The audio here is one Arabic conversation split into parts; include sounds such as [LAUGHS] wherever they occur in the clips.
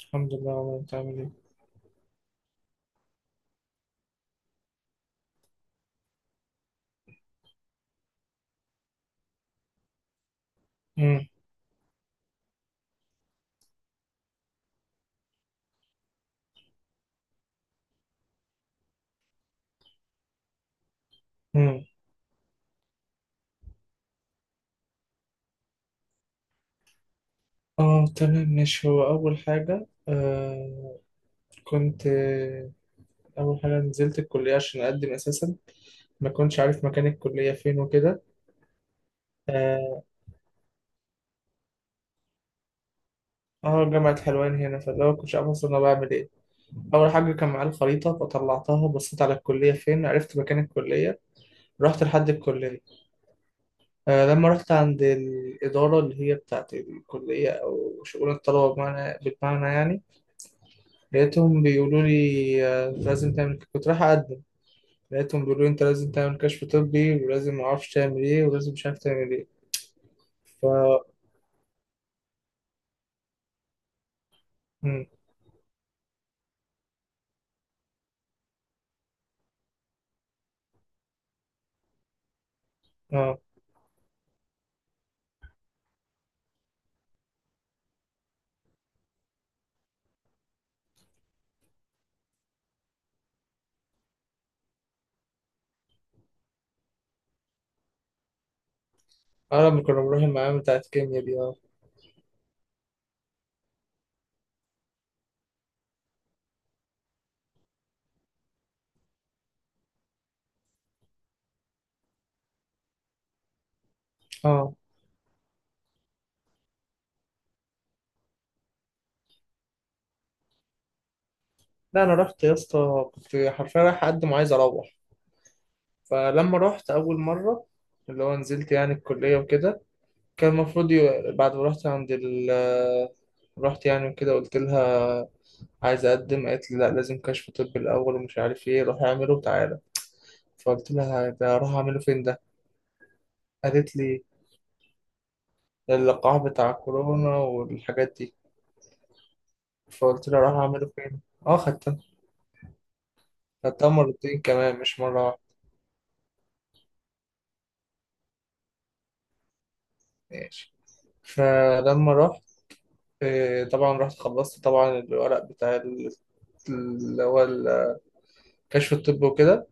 الحمد لله، والله انت عامل ايه؟ مم. مم. اه تمام ماشي، هو اول حاجه كنت، اول حاجه نزلت الكليه عشان اقدم اساسا. ما كنتش عارف مكان الكليه فين وكده. اه. آه، جامعه حلوان هنا. فاللي هو كنتش عارف اصلا انا بعمل ايه. اول حاجه كان معايا الخريطه، فطلعتها بصيت على الكليه فين، عرفت مكان الكليه. رحت لحد الكليه. لما رحت عند الاداره اللي هي بتاعت الكليه او شؤون الطلبه، بالمعنى يعني. لقيتهم بيقولوا لي، لازم تعمل كنت رايح أقدم. لقيتهم بيقولوا لي أنت لازم تعمل كشف طبي، ولازم معرفش تعمل إيه، ولازم مش عارف تعمل إيه. ف مم. آه. أنا لما كنا بنروح المعامل بتاعت الكيميا دي. آه. لا، أنا رحت يا اسطى، كنت حرفيا رايح أقدم وعايز أروح. فلما رحت أول مرة، اللي هو نزلت يعني الكلية وكده. كان المفروض بعد ما رحت عند رحت يعني وكده، قلت لها عايز أقدم. قالت لي لا، لازم كشف طبي الأول ومش عارف إيه، روح اعمله وتعالى. فقلت لها، ده أروح أعمله فين ده؟ قالت لي اللقاح بتاع كورونا والحاجات دي. فقلت لها، أروح أعمله فين؟ أه، خدتها. خدتها مرتين كمان، مش مرة واحدة. ماشي. فلما رحت، طبعا رحت خلصت طبعا الورق بتاع اللي هو الكشف الطبي وكده.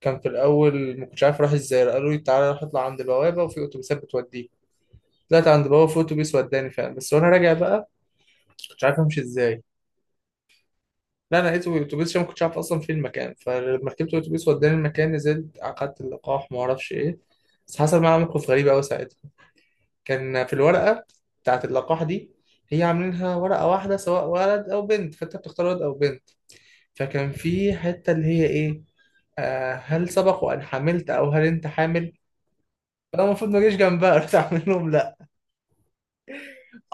كان في الأول ما كنتش عارف أروح إزاي. قالوا لي تعالى روح اطلع عند البوابة وفي أتوبيسات بتوديك. طلعت عند البوابة، في أتوبيس وداني فعلا. بس وأنا راجع بقى كنتش عارف أمشي إزاي. لا، انا لقيته بالاتوبيس عشان ما كنتش عارف اصلا فين المكان. فلما ركبت الاتوبيس وداني المكان، نزلت اخدت اللقاح ما اعرفش ايه. بس حصل معايا موقف غريب قوي ساعتها. كان في الورقه بتاعت اللقاح دي، هي عاملينها ورقه واحده سواء ولد او بنت، فانت بتختار ولد او بنت. فكان في حته اللي هي ايه، هل سبق وان حملت او هل انت حامل. انا المفروض ما اجيش جنبها، رحت اعمل لهم لا.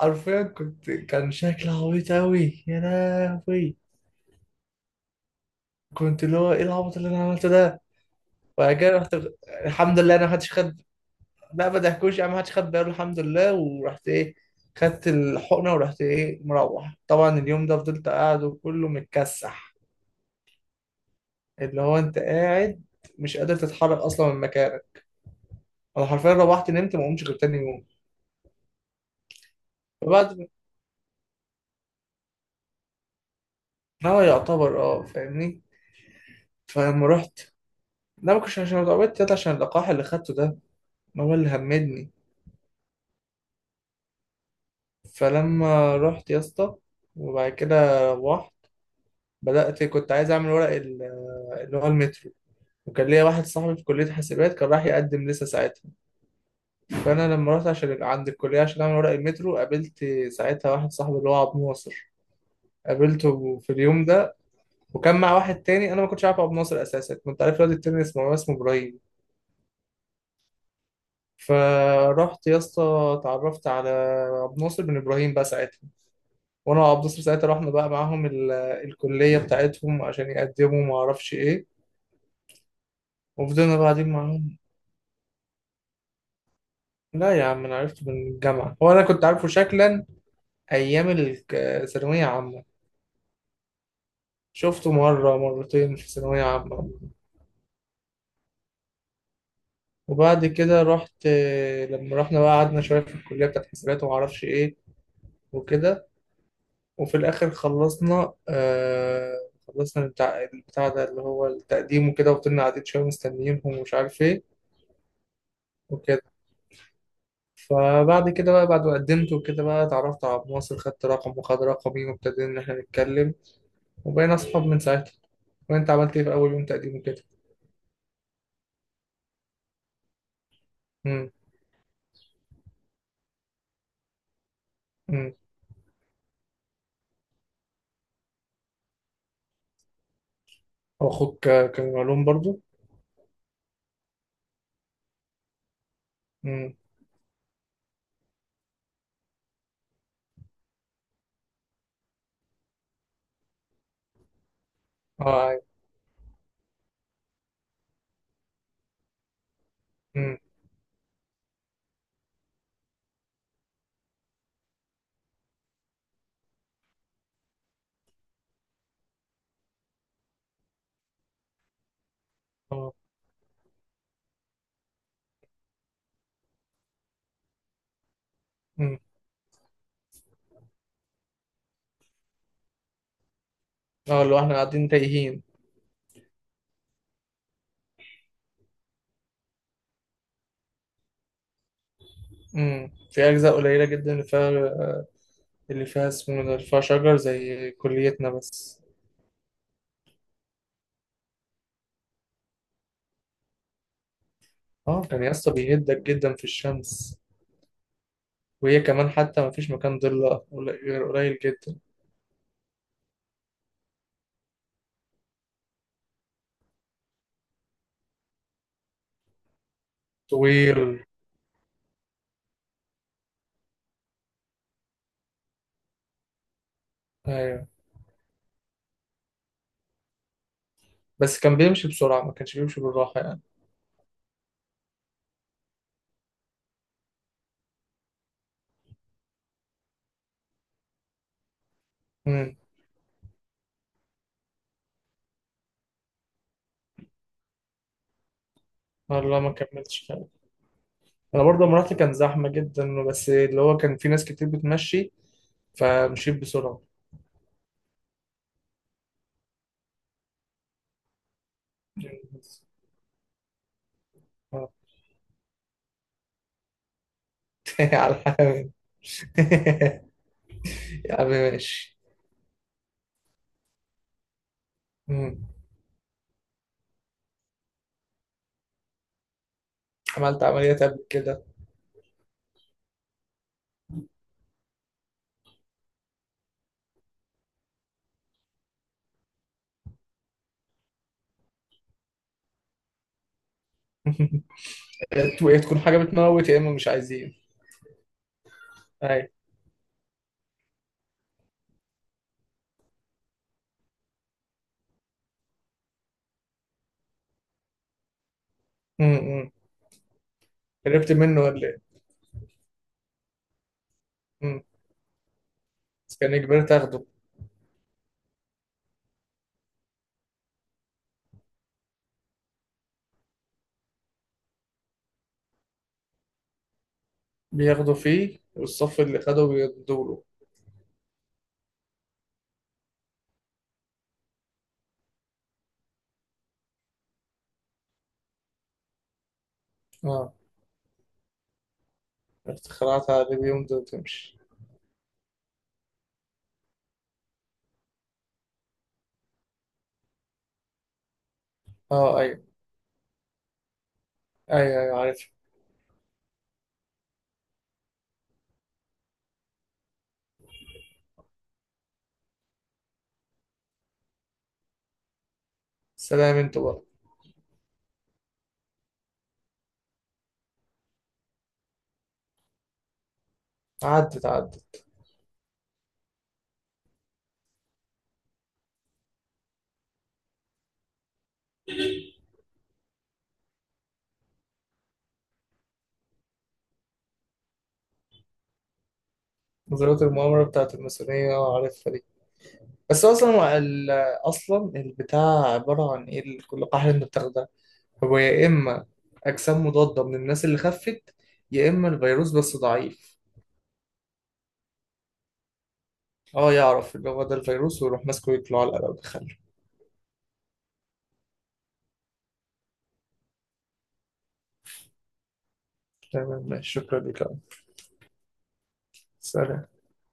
حرفيا كان شكلي عبيط قوي، يا لهوي. كنت اللي هو ايه العبط اللي انا عملته ده. وبعد كده رحت. الحمد لله انا ما حدش خد. لا، ما ضحكوش يعني، ما حدش خد باله الحمد لله، ورحت ايه خدت الحقنه، ورحت ايه مروح طبعا. اليوم ده فضلت قاعد وكله متكسح. اللي هو انت قاعد مش قادر تتحرك اصلا من مكانك. انا حرفيا روحت نمت ما قمتش غير تاني يوم. فبعد. ما هو يعتبر، فاهمني. فلما رحت. لا، ما كنتش عشان اتعودت يا اسطى، عشان اللقاح اللي خدته ده ما هو اللي همدني. فلما رحت يا اسطى، وبعد كده روحت. بدأت كنت عايز أعمل ورق اللي هو المترو. وكان ليا واحد صاحبي في كلية حاسبات كان راح يقدم لسه ساعتها. فأنا لما رحت عشان عند الكلية عشان أعمل ورق المترو، قابلت ساعتها واحد صاحبي اللي هو عبد الناصر. قابلته في اليوم ده، وكان مع واحد تاني. أنا ما كنتش عارف عبد الناصر أساسا، كنت عارف الواد التاني اسمه إبراهيم. فرحت يا اسطى، اتعرفت على عبد الناصر بن ابراهيم بقى ساعتها. وانا وعبد الناصر ساعتها رحنا بقى معاهم الكليه بتاعتهم عشان يقدموا ما اعرفش ايه. وفضلنا قاعدين معاهم. لا يا عم، انا عرفته من الجامعه. هو انا كنت عارفه شكلا ايام الثانويه عامه. شفته مره مرتين في ثانويه عامه. وبعد كده رحت. لما رحنا بقى قعدنا شويه في الكليه بتاعت حسابات وما اعرفش ايه وكده. وفي الاخر خلصنا، خلصنا بتاع البتاع ده اللي هو التقديم وكده. وفضلنا قاعدين شويه مستنيينهم ومش عارف ايه وكده. فبعد كده بقى، بعد ما قدمت وكده بقى اتعرفت على عبد الناصر، خدت رقمه وخد رقمي وابتدينا ان احنا نتكلم. وبقينا اصحاب من ساعتها. وانت عملت ايه في اول يوم تقديم كده؟ امم. امم. واخوك كان معلوم برضو؟ امم. اه ايوه. امم. اه. امم. اه، اللي هو احنا قاعدين تايهين. في اجزاء قليله جدا اللي فيها. اللي فيها اسمه ده، اللي فيها شجر زي كليتنا بس. اه، كان يا اسطى بيهدك جدا في الشمس. وهي كمان حتى ما فيش مكان ضلة غير قليل جدا. طويل. ايوه. بس كان بيمشي بسرعه ما كانش بيمشي بالراحه يعني. امم. والله ما كملتش. انا برضه لما رحت كان زحمه جدا، بس اللي هو كان في ناس كتير بتمشي، فمشيت بسرعه. آه. [LAUGHS] على الحال. [LAUGHS] يا عم ماشي. مم. عملت عمليات قبل كده؟ [LAUGHS] يا تكون حاجه بتموت يا اما مش عايزين. اي. مم. قربت منه ولا ايه؟ مم. بس كان اجباري تاخده. بياخدوا فيه والصف اللي خده بيدوله. اه. اخترعت على بيهم ده وتمشي. اه ايوه. ايوه. ايوه عارف. سلام انتوا بقى. عدت عدت. نظرية المؤامرة بتاعت الماسونية، اه عارفها دي. بس أصلا أصلا البتاع عبارة عن إيه، كل قاعدة أنت بتاخدها هو يا إما أجسام مضادة من الناس اللي خفت، يا إما الفيروس بس ضعيف. اه، يعرف اللي هو ده الفيروس ويروح ماسكه ويطلع على القلم ويدخله. تمام ماشي، شكرا لك يا عم. سلام.